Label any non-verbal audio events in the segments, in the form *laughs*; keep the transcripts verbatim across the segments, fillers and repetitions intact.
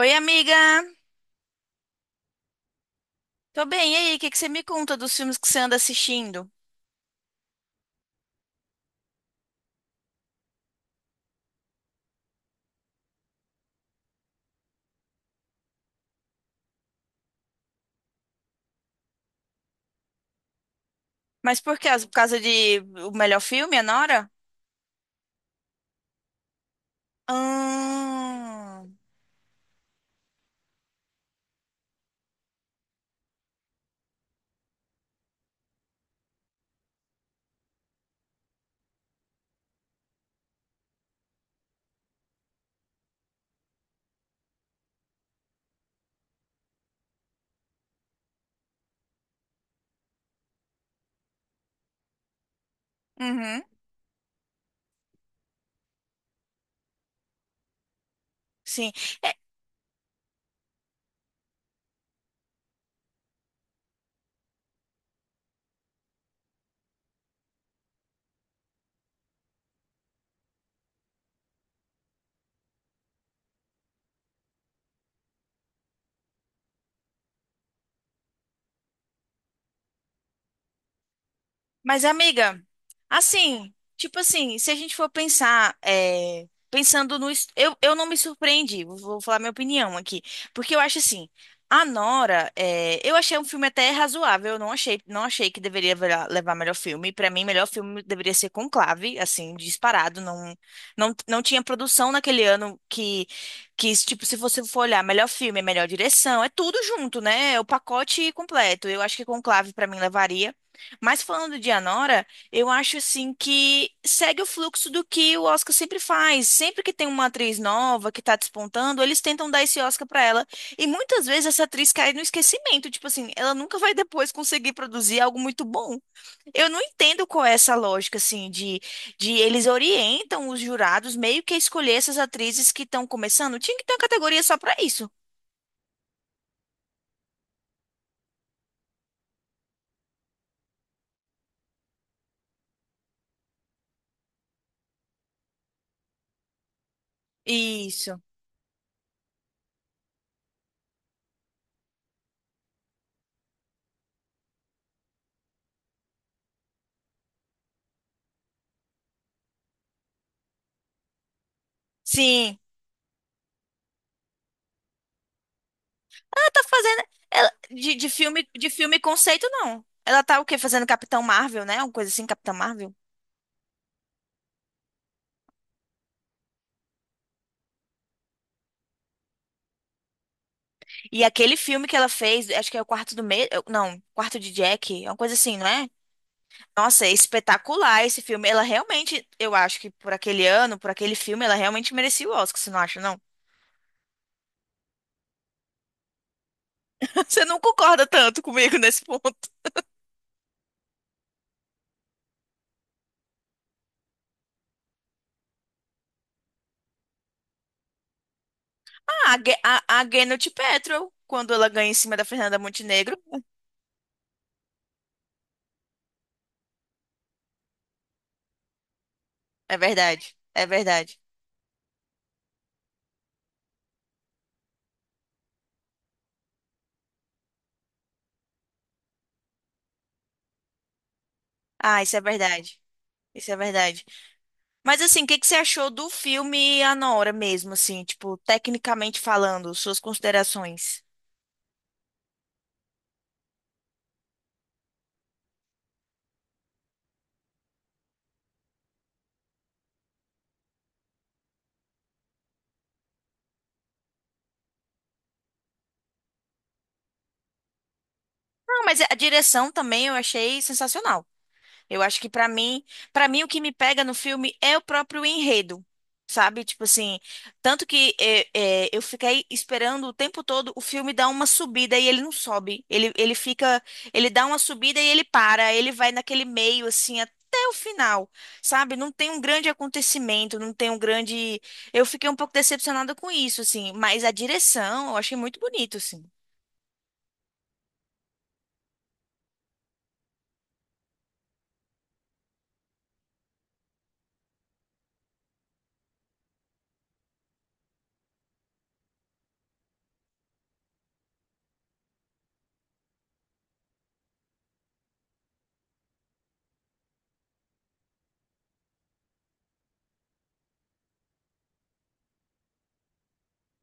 Oi, amiga! Tô bem, e aí? O que que você me conta dos filmes que você anda assistindo? Mas por quê? Por causa de o melhor filme, Anora? Ah, uhum, sim. Mas, amiga, assim, tipo assim, se a gente for pensar, é, pensando no. es- Eu, eu não me surpreendi, vou vou falar minha opinião aqui. Porque eu acho assim, a Nora, é, eu achei um filme até razoável, eu não achei, não achei que deveria vera- levar melhor filme. Pra mim, melhor filme deveria ser Conclave, assim, disparado. Não, não, não tinha produção naquele ano que, que, tipo, se você for olhar, melhor filme, melhor direção, é tudo junto, né? É o pacote completo. Eu acho que Conclave, pra mim, levaria. Mas falando de Anora, eu acho assim que segue o fluxo do que o Oscar sempre faz. Sempre que tem uma atriz nova que tá despontando, eles tentam dar esse Oscar pra ela. E muitas vezes essa atriz cai no esquecimento, tipo assim, ela nunca vai depois conseguir produzir algo muito bom. Eu não entendo qual é essa lógica assim de, de eles orientam os jurados meio que a escolher essas atrizes que estão começando. Tinha que ter uma categoria só pra isso. Isso. Sim. Tá fazendo ela- de, de filme de filme conceito não. Ela tá o quê? Fazendo Capitão Marvel, né? Uma coisa assim, Capitão Marvel. E aquele filme que ela fez, acho que é o Quarto do Medo, não, Quarto de Jack, é uma coisa assim, não é? Nossa, é espetacular esse filme. Ela realmente, eu acho que por aquele ano, por aquele filme, ela realmente merecia o Oscar, você não acha, não? *laughs* Você não concorda tanto comigo nesse ponto. Ah, a, Ge- a, a Gwyneth Paltrow, quando ela ganha em cima da Fernanda Montenegro, é verdade. É verdade. Ah, isso é verdade. Isso é verdade. Mas assim, o que que você achou do filme Anora mesmo, assim, tipo, tecnicamente falando, suas considerações? Não, mas a direção também eu achei sensacional. Eu acho que pra mim, para mim o que me pega no filme é o próprio enredo, sabe? Tipo assim, tanto que é, é, eu fiquei esperando o tempo todo o filme dar uma subida e ele não sobe. Ele, ele fica, ele dá uma subida e ele para, ele vai naquele meio assim até o final, sabe? Não tem um grande acontecimento, não tem um grande. Eu fiquei um pouco decepcionada com isso, assim, mas a direção eu achei muito bonito, assim.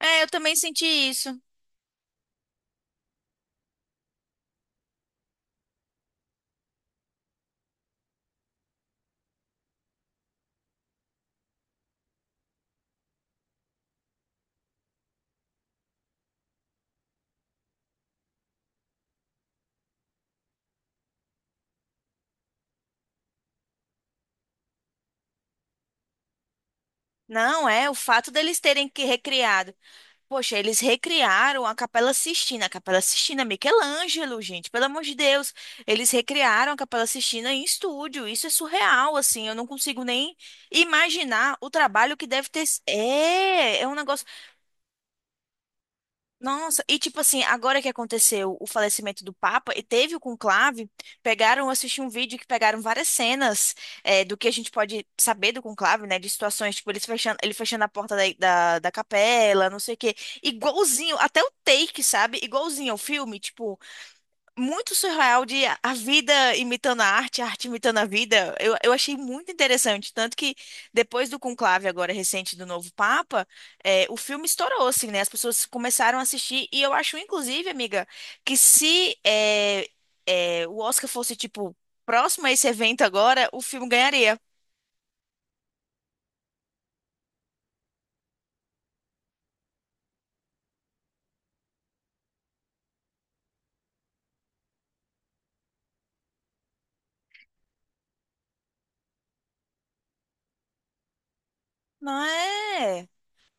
É, eu também senti isso. Não, é o fato deles terem que recriado. Poxa, eles recriaram a Capela Sistina. A Capela Sistina, é Michelangelo, gente, pelo amor de Deus. Eles recriaram a Capela Sistina em estúdio. Isso é surreal, assim. Eu não consigo nem imaginar o trabalho que deve ter. s- É, é um negócio nossa, e tipo assim, agora que aconteceu o falecimento do Papa, e teve o conclave, pegaram, eu assisti um vídeo que pegaram várias cenas é, do que a gente pode saber do conclave, né? De situações, tipo, eles fechando, ele fechando a porta da, da, da capela, não sei o quê. Igualzinho, até o take, sabe? Igualzinho ao filme, tipo, muito surreal de a a vida imitando a arte, a arte imitando a vida. Eu, eu achei muito interessante. Tanto que depois do conclave agora recente do novo Papa, eh, o filme estourou, assim, né? As pessoas começaram a assistir. E eu acho, inclusive, amiga, que se eh, eh, o Oscar fosse, tipo, próximo a esse evento agora, o filme ganharia. Não é?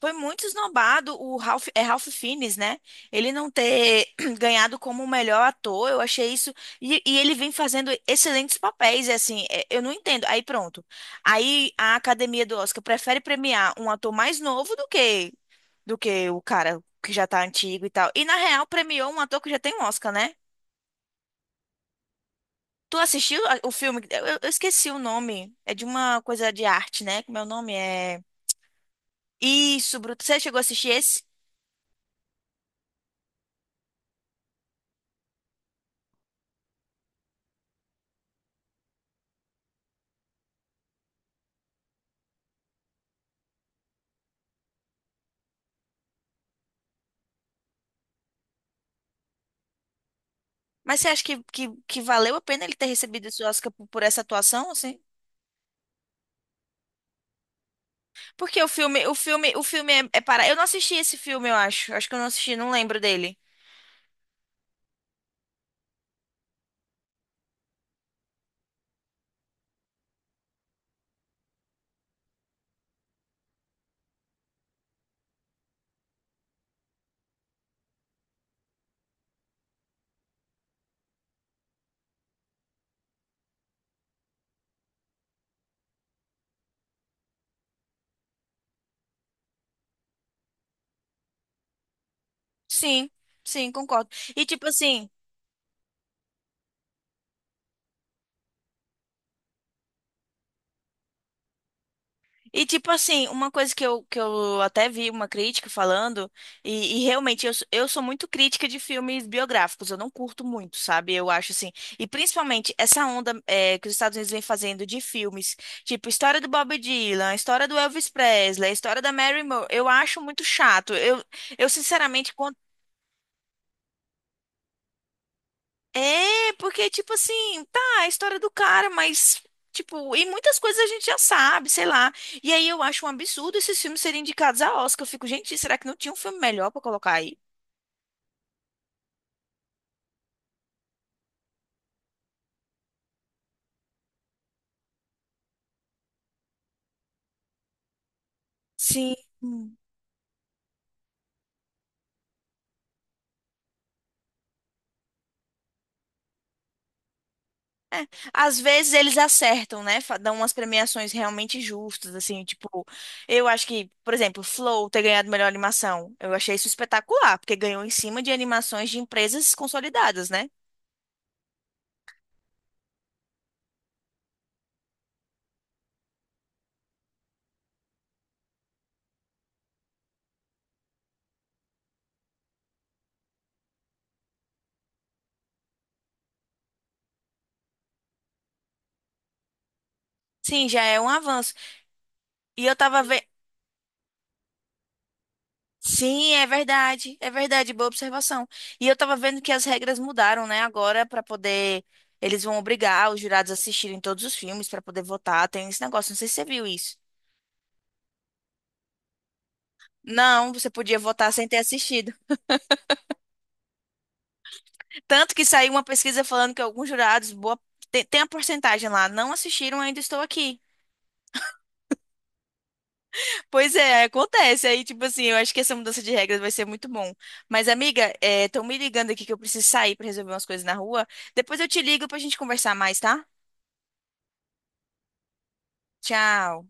Foi muito esnobado o Ralph, é Ralph Fiennes, né? Ele não ter *clears throat* ganhado como o melhor ator, eu achei isso. E, e ele vem fazendo excelentes papéis, e assim, é, eu não entendo. Aí pronto. Aí a academia do Oscar prefere premiar um ator mais novo do que, do que o cara que já tá antigo e tal. E na real premiou um ator que já tem um Oscar, né? Tu assistiu a- o filme? Eu, eu- eu esqueci o nome. É de uma coisa de arte, né? Como é o nome? É. Isso, Bruto. Você chegou a assistir esse? Mas você acha que, que, que valeu a pena ele ter recebido esse Oscar por, por essa atuação, assim? Porque o filme, o filme, o filme é, é para. Eu não assisti esse filme, eu acho. Acho que eu não assisti, não lembro dele. Sim, sim, concordo. E tipo assim, e tipo assim, uma coisa que eu, que eu até vi uma crítica falando, e, e realmente eu, sou- eu sou muito crítica de filmes biográficos, eu não curto muito, sabe? Eu acho assim. E principalmente essa onda é, que os Estados Unidos vem fazendo de filmes, tipo história do Bob Dylan, história do Elvis Presley, história da Mary Moore, eu acho muito chato. Eu, eu sinceramente, é, porque, tipo assim, tá, a história do cara, mas, tipo, e muitas coisas a gente já sabe, sei lá. E aí eu acho um absurdo esses filmes serem indicados a Oscar. Eu fico, gente, será que não tinha um filme melhor pra colocar aí? Sim. Às vezes eles acertam, né? Fa- Dão umas premiações realmente justas, assim, tipo, eu acho que, por exemplo, Flow ter ganhado melhor animação, eu achei isso espetacular, porque ganhou em cima de animações de empresas consolidadas, né? Sim, já é um avanço. E eu tava sim, é verdade, é verdade, boa observação. E eu tava vendo que as regras mudaram, né, agora para poder eles vão obrigar os jurados a assistirem todos os filmes para poder votar, tem esse negócio, não sei se você viu isso. Não, você podia votar sem ter assistido. *laughs* Tanto que saiu uma pesquisa falando que alguns jurados, boa tem, tem a porcentagem lá, não assistiram, ainda estou aqui. Pois é, acontece. Aí, tipo assim, eu acho que essa mudança de regras vai ser muito bom. Mas, amiga, estão me ligando aqui que eu preciso sair para resolver umas coisas na rua. Depois eu te ligo pra gente conversar mais, tá? Tchau.